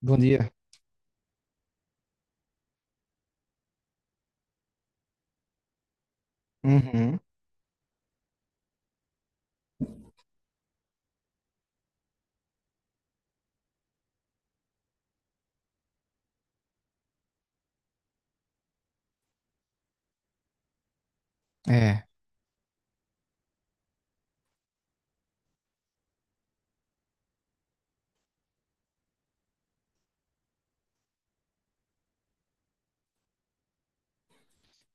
Bom dia. Uhum. É.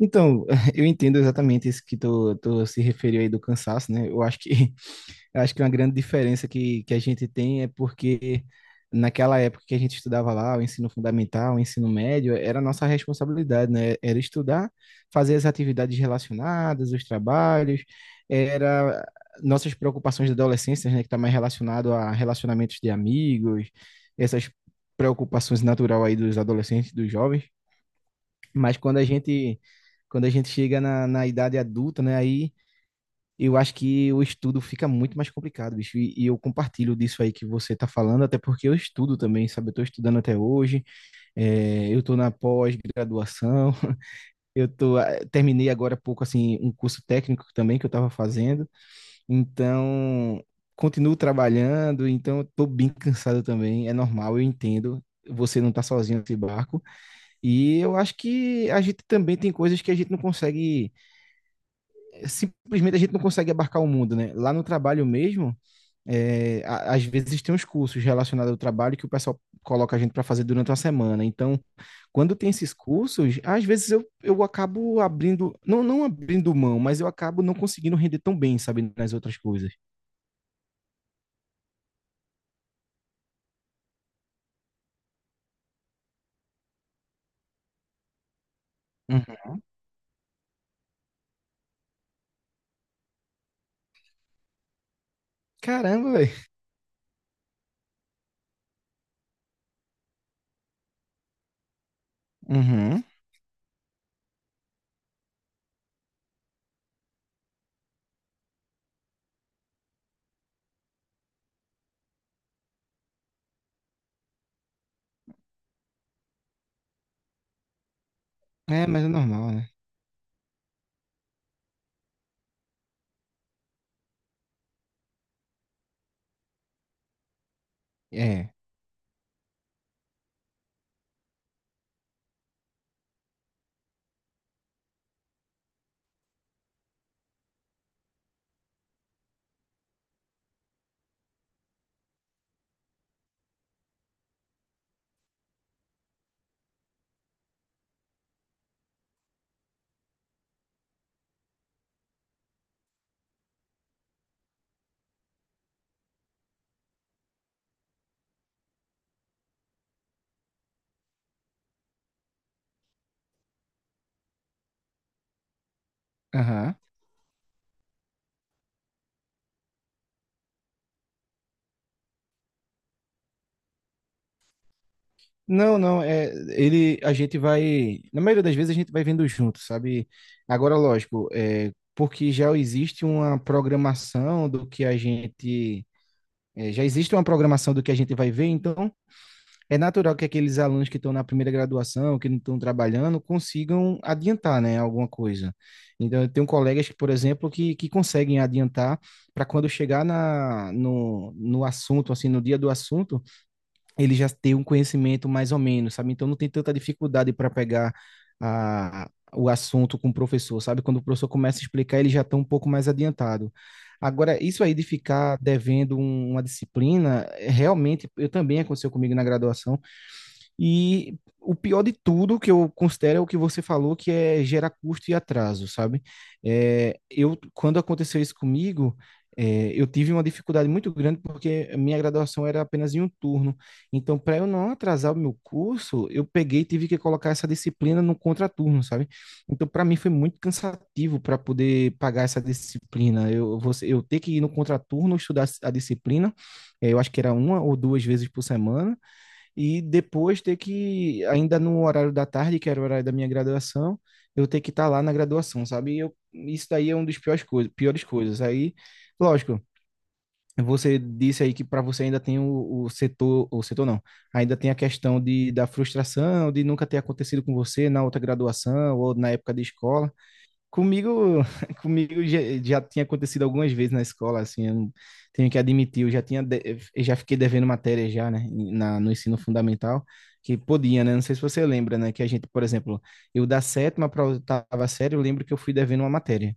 Então, eu entendo exatamente isso que tu se referiu aí do cansaço, né? Eu acho que eu acho que uma grande diferença que a gente tem é porque naquela época que a gente estudava lá, o ensino fundamental, o ensino médio, era a nossa responsabilidade, né? Era estudar, fazer as atividades relacionadas, os trabalhos, era nossas preocupações da adolescência, né? Que está mais relacionado a relacionamentos de amigos, essas preocupações natural aí dos adolescentes, dos jovens. Mas quando a gente chega na idade adulta, né, aí eu acho que o estudo fica muito mais complicado, bicho. E eu compartilho disso aí que você tá falando, até porque eu estudo também, sabe? Eu tô estudando até hoje, é, eu tô na pós-graduação. Eu tô, terminei agora há pouco, assim, um curso técnico também que eu tava fazendo, então continuo trabalhando, então eu tô bem cansado também, é normal, eu entendo. Você não tá sozinho nesse barco, e eu acho que a gente também tem coisas que a gente não consegue, simplesmente a gente não consegue abarcar o mundo, né? Lá no trabalho mesmo, é, às vezes tem uns cursos relacionados ao trabalho que o pessoal coloca a gente para fazer durante uma semana. Então, quando tem esses cursos, às vezes eu acabo abrindo, não abrindo mão, mas eu acabo não conseguindo render tão bem, sabe, nas outras coisas. Uhum. Caramba, velho. Uhum. É, mas é normal, né? É. Aham. Não, não, é, ele, a gente vai, na maioria das vezes a gente vai vendo junto, sabe? Agora, lógico, é, porque já existe uma programação do que a gente, é, já existe uma programação do que a gente vai ver, então é natural que aqueles alunos que estão na primeira graduação, que não estão trabalhando, consigam adiantar, né, alguma coisa. Então, eu tenho colegas, que, por exemplo, que conseguem adiantar para quando chegar no no assunto, assim, no dia do assunto, ele já tem um conhecimento mais ou menos, sabe? Então não tem tanta dificuldade para pegar a, o assunto com o professor, sabe? Quando o professor começa a explicar, ele já está um pouco mais adiantado. Agora, isso aí de ficar devendo uma disciplina, é, realmente, eu também aconteceu comigo na graduação, e o pior de tudo que eu considero é o que você falou, que é gera custo e atraso, sabe? É, eu, quando aconteceu isso comigo, é, eu tive uma dificuldade muito grande porque a minha graduação era apenas em um turno. Então, para eu não atrasar o meu curso, eu peguei e tive que colocar essa disciplina no contraturno, sabe? Então, para mim foi muito cansativo para poder pagar essa disciplina. Eu, você, eu ter que ir no contraturno estudar a disciplina, eu acho que era uma ou duas vezes por semana, e depois ter que, ainda no horário da tarde, que era o horário da minha graduação, eu ter que estar lá na graduação, sabe? E eu, isso daí é um dos piores coisas, piores coisas. Aí, lógico, você disse aí que para você ainda tem o setor não, ainda tem a questão de, da frustração, de nunca ter acontecido com você na outra graduação ou na época de escola. Comigo, já tinha acontecido algumas vezes na escola, assim, eu não- tenho que admitir, eu já fiquei devendo matéria já, né, na, no ensino fundamental, que podia, né, não sei se você lembra, né, que a gente, por exemplo, eu da sétima para a oitava série, eu lembro que eu fui devendo uma matéria.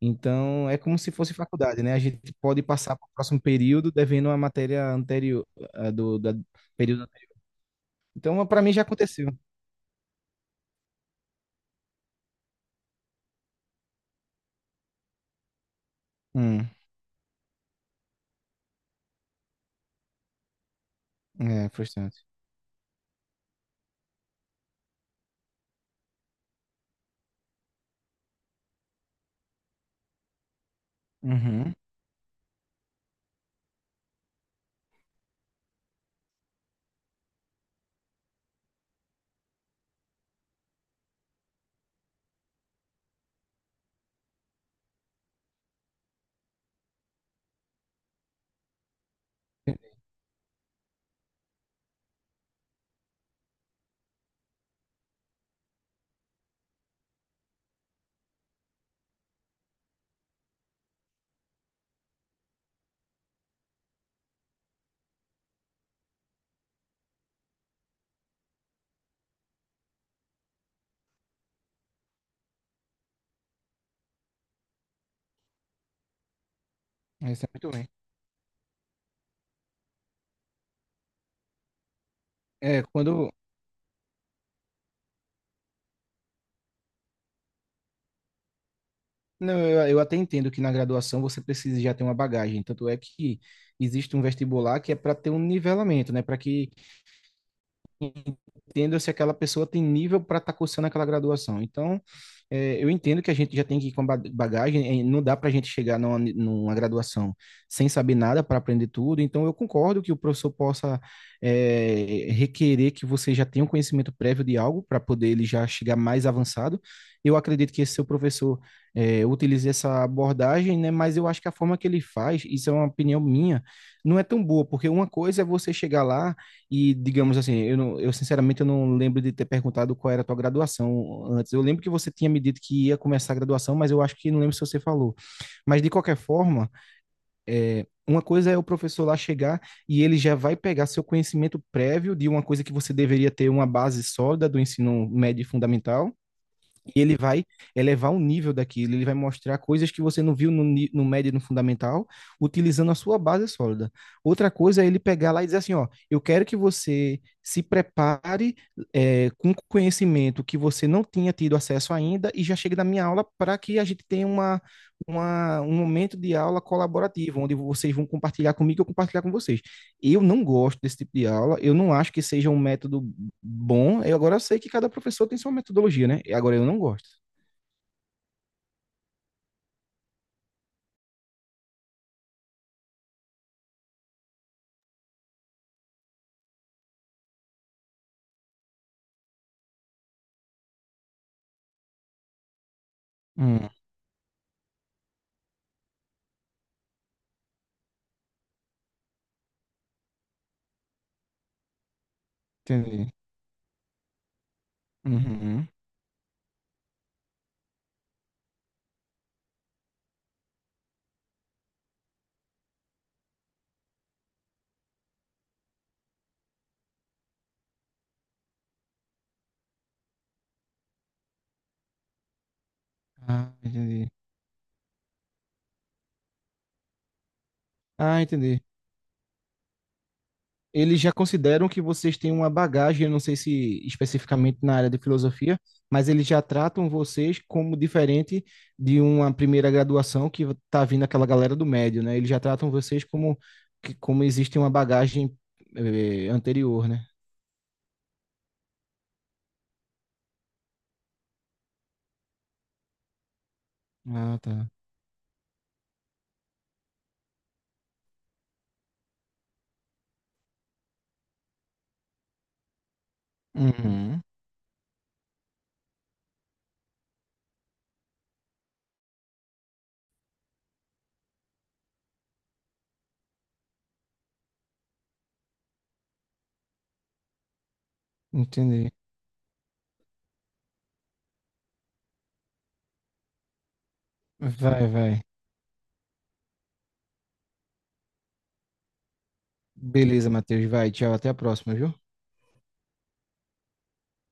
Então, é como se fosse faculdade, né, a gente pode passar para o próximo período devendo uma matéria anterior, do da período anterior. Então, para mim já aconteceu. Hum, é frustrante. Uhum, isso é muito ruim. É, quando, não, eu até entendo que na graduação você precisa já ter uma bagagem, tanto é que existe um vestibular que é para ter um nivelamento, né? Para que entenda se aquela pessoa tem nível para estar tá cursando aquela graduação. Então, é, eu entendo que a gente já tem que ir com bagagem, é, não dá para a gente chegar numa graduação sem saber nada para aprender tudo. Então, eu concordo que o professor possa requerer que você já tenha um conhecimento prévio de algo para poder ele já chegar mais avançado. Eu acredito que esse seu professor utilize essa abordagem, né? Mas eu acho que a forma que ele faz, isso é uma opinião minha, não é tão boa, porque uma coisa é você chegar lá e, digamos assim, eu, não, eu sinceramente eu não lembro de ter perguntado qual era a tua graduação antes. Eu lembro que você tinha me dito que ia começar a graduação, mas eu acho que não lembro se você falou. Mas, de qualquer forma, uma coisa é o professor lá chegar e ele já vai pegar seu conhecimento prévio de uma coisa que você deveria ter uma base sólida do ensino médio e fundamental e ele vai elevar o nível daquilo, ele vai mostrar coisas que você não viu no, no médio e no fundamental, utilizando a sua base sólida. Outra coisa é ele pegar lá e dizer assim, ó, eu quero que você se prepare com conhecimento que você não tinha tido acesso ainda e já chegue na minha aula para que a gente tenha um momento de aula colaborativo, onde vocês vão compartilhar comigo e eu compartilhar com vocês. Eu não gosto desse tipo de aula, eu não acho que seja um método bom. Eu agora eu sei que cada professor tem sua metodologia, né? E agora eu não gosto. Hum, entendi. Uhum. Ah, entendi. Ah, entendi. Eles já consideram que vocês têm uma bagagem, eu não sei se especificamente na área de filosofia, mas eles já tratam vocês como diferente de uma primeira graduação que tá vindo aquela galera do médio, né? Eles já tratam vocês como que como existe uma bagagem anterior, né? Ah, tá. Uhum. Entendi. Vai, vai. Beleza, Matheus. Vai, tchau. Até a próxima, viu?